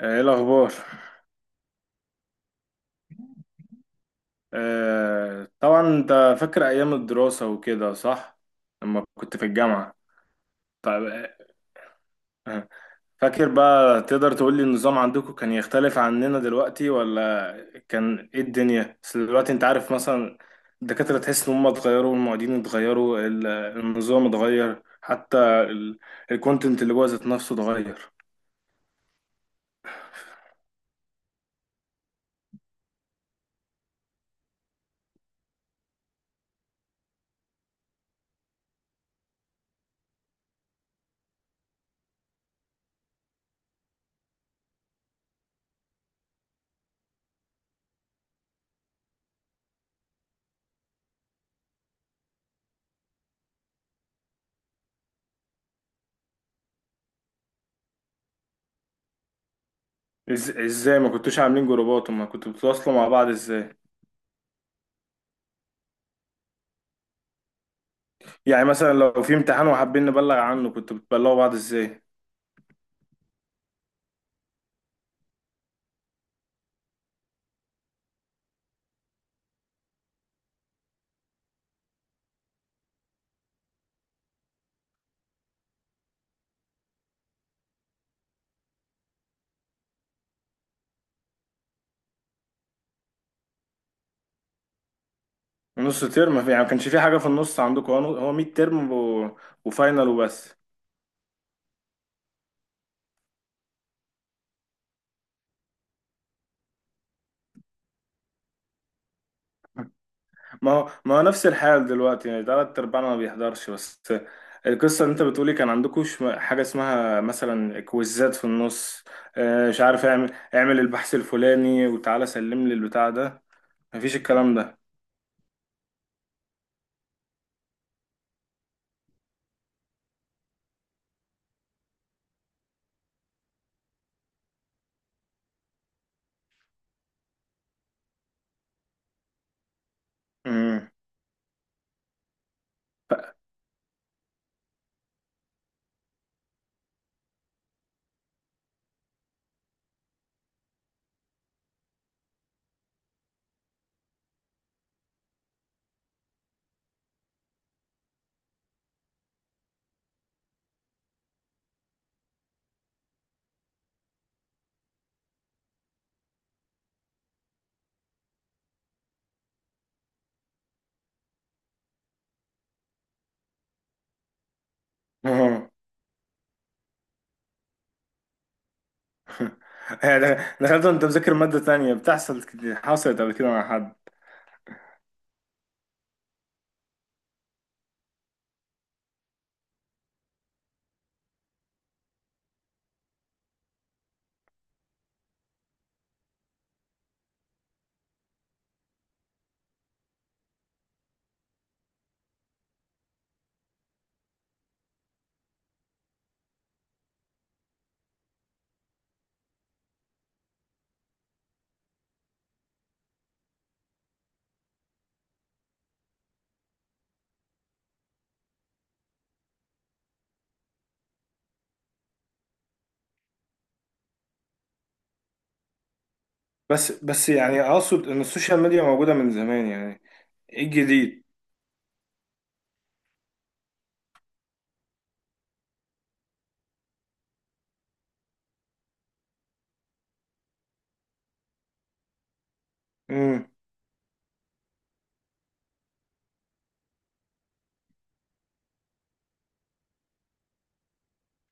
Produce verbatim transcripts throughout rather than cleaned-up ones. آه، ايه الاخبار؟ آه طبعا، انت فاكر ايام الدراسة وكده صح؟ لما كنت في الجامعة. طيب. آه، آه، فاكر بقى تقدر تقول لي النظام عندكم كان يختلف عننا دلوقتي ولا كان ايه الدنيا؟ بس دلوقتي انت عارف مثلا الدكاترة تحس ان هم اتغيروا، المعيدين اتغيروا، ال- النظام اتغير، حتى الكونتنت اللي جوه ذات نفسه اتغير. إز- ازاي ما كنتوش عاملين جروبات وما كنتوا بتتواصلوا مع بعض ازاي؟ يعني مثلا لو في امتحان وحابين نبلغ عنه كنتوا بتبلغوا بعض ازاي؟ نص ترم، في يعني ما كانش في حاجه في النص عندكم؟ هو هو مية ترم و... وفاينل وبس؟ ما هو ما هو نفس الحال دلوقتي، يعني تلات ارباعنا ما بيحضرش. بس القصه اللي انت بتقولي كان عندكوش م- حاجه اسمها مثلا كويزات في النص. آه، مش عارف اعمل اعمل البحث الفلاني وتعالى سلم لي البتاع ده. مفيش الكلام ده. امم. يعني دخلت انت مذاكر ماده تانية؟ بتحصل كتير- حصلت قبل كده مع حد؟ بس بس يعني اقصد ان السوشيال ميديا موجودة من زمان، يعني ايه الجديد؟ امم.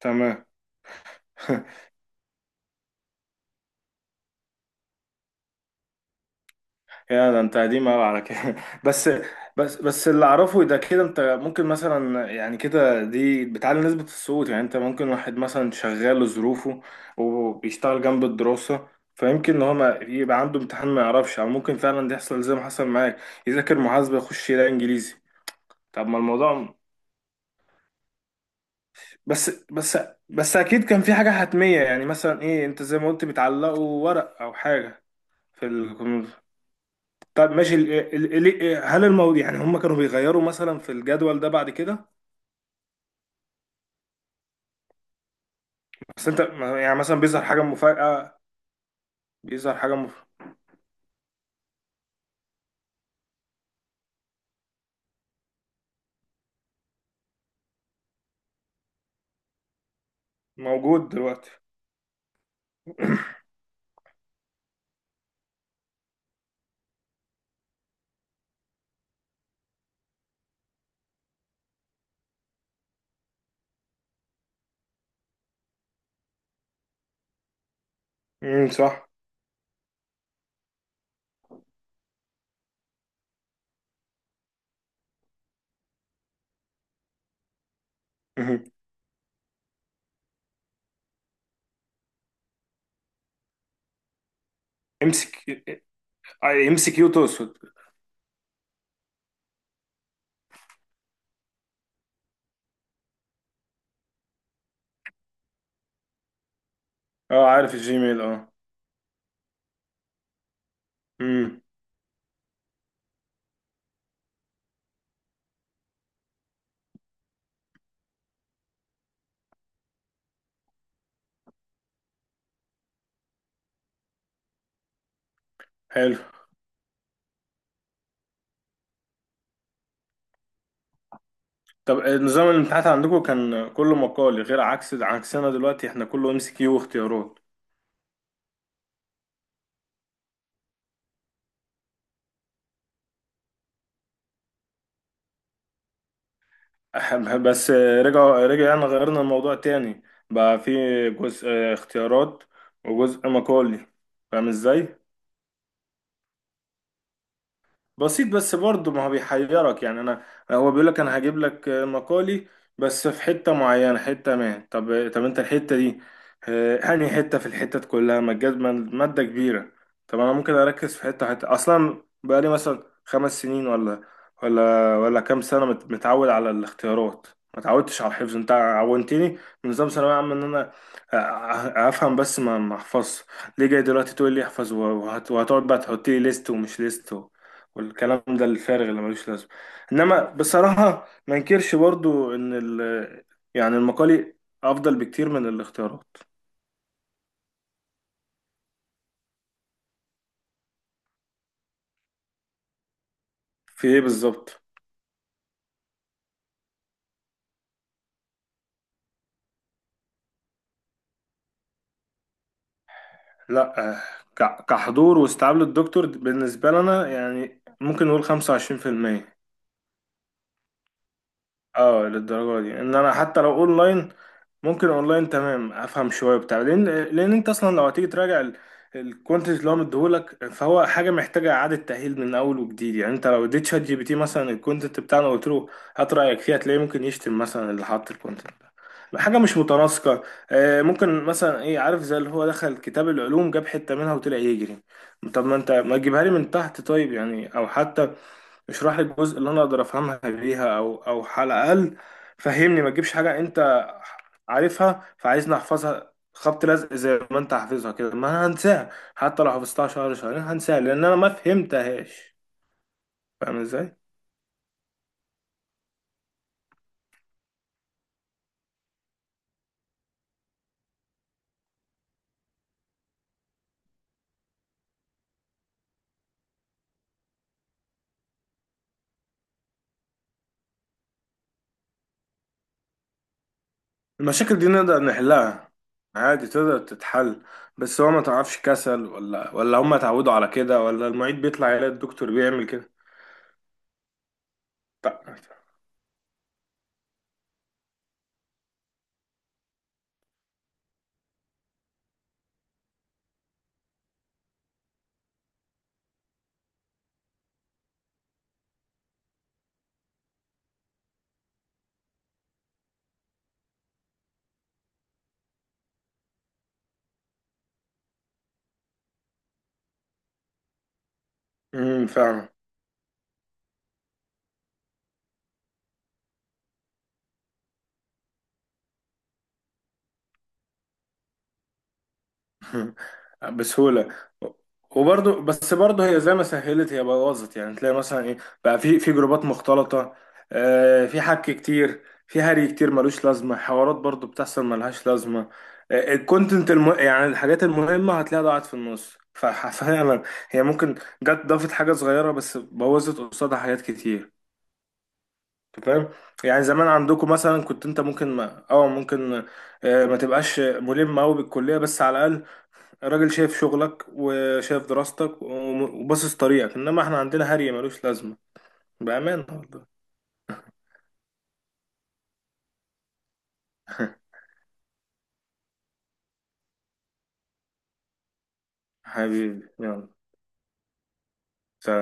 تمام. يا ده انت قديم قوي على كده. بس بس بس اللي اعرفه ده كده، انت ممكن مثلا يعني كده دي بتعلي نسبة الصوت. يعني انت ممكن واحد مثلا شغال لظروفه وبيشتغل جنب الدراسة، فيمكن ان هو ما- يبقى عنده امتحان ما يعرفش، او ممكن فعلا ده يحصل زي ما حصل معاك، يذاكر محاسبة يخش يلاقي انجليزي. طب ما الموضوع. بس بس بس اكيد كان في حاجه حتميه، يعني مثلا ايه، انت زي ما قلت بتعلقوا ورق او حاجه في الكمبيوتر. طب ماشي، ال ال ال هل الموضوع يعني هم كانوا بيغيروا مثلا في الجدول ده بعد كده؟ بس انت، يعني مثلا بيظهر حاجه مفاجاه؟ بيظهر حاجه مف... موجود دلوقتي. امم، صح. ام سي كيو؟ آه، ام سي كيو تقصد. اه، عارف الجيميل، اه. امم. حلو. طب نظام الامتحانات عندكم كان كله مقالي، غير عكس عكسنا دلوقتي احنا كله ام سي كيو واختيارات. أحب- بس رجع، رجع يعني غيرنا الموضوع تاني، بقى في جزء اختيارات وجزء مقالي. فاهم ازاي؟ بسيط، بس برضه ما هو بيحيرك، يعني انا هو بيقول لك انا هجيب لك مقالي بس في حته معينه، حته ما. طب طب انت الحته دي آه، انهي حته في الحتت كلها؟ ما تجد- ما ماده كبيره، طب انا ممكن اركز في حته؟ حته اصلا بقالي مثلا خمس سنين ولا ولا ولا كام سنه مت- متعود على الاختيارات، ما تعودتش على الحفظ. انت عودتني من نظام ثانويه عامه ان انا أ- أ- افهم بس ما ما احفظش، ليه جاي دلوقتي تقول لي احفظ وهت- وهتقعد بقى تحط لي ليست ومش ليست والكلام ده الفارغ اللي ملوش لازمه؟ انما بصراحه ما انكرش برضو ان ال، يعني المقالي افضل بكتير من الاختيارات. في ايه بالظبط؟ لا ك- كحضور واستيعاب للدكتور بالنسبه لنا يعني ممكن نقول خمسة وعشرين بالمية. اه، للدرجه دي، ان انا حتى لو اونلاين، ممكن اونلاين تمام افهم شويه بتاع، لان لان انت اصلا لو هتيجي تراجع الكونتنت اللي هو مديهولك، فهو حاجه محتاجه اعاده تاهيل من اول وجديد. يعني انت لو اديت شات جي بي تي مثلا الكونتنت بتاعنا وقلت له هات رايك فيها هتلاقيه ممكن يشتم مثلا اللي حط الكونتنت، ده حاجه مش متناسقه. آه، ممكن مثلا ايه، عارف زي اللي هو دخل كتاب العلوم جاب حته منها وطلع يجري. طب ما انت ما تجيبها لي من تحت طيب، يعني او حتى اشرح لي الجزء اللي انا اقدر افهمها بيها، او او على الاقل فهمني. ما تجيبش حاجه انت عارفها فعايزني احفظها خبط لزق زي ما انت حافظها كده، ما انا هنساها، حتى لو حفظتها شهر شهرين هنساها لان انا ما فهمتهاش. فاهم ازاي؟ المشاكل دي نقدر نحلها عادي، تقدر تتحل. بس هو ما تعرفش، كسل ولا ولا هم اتعودوا على كده، ولا المعيد بيطلع يلاقي الدكتور بيعمل كده. ف- امم، فاهم. بسهولة. وبرضه بس برضه هي زي ما سهلت هي بوظت، يعني تلاقي مثلا ايه، بقى في في جروبات مختلطة، آه في حك كتير، في هري كتير ملوش لازمة، حوارات برضه بتحصل ملهاش لازمة. آه الكونتنت الم... يعني الحاجات المهمة هتلاقيها ضاعت في النص، ف- ففعلا هي ممكن جت ضافت حاجة صغيرة بس بوظت قصادها حاجات كتير. أنت فاهم، يعني زمان عندكم مثلا كنت انت ممكن، ما اه ممكن آه، ما تبقاش ملم قوي بالكلية، بس على الأقل الراجل شايف شغلك وشايف دراستك وم- وباصص طريقك، انما احنا عندنا هري ملوش لازمة، بأمانة والله. حبيبي يلا، سلام.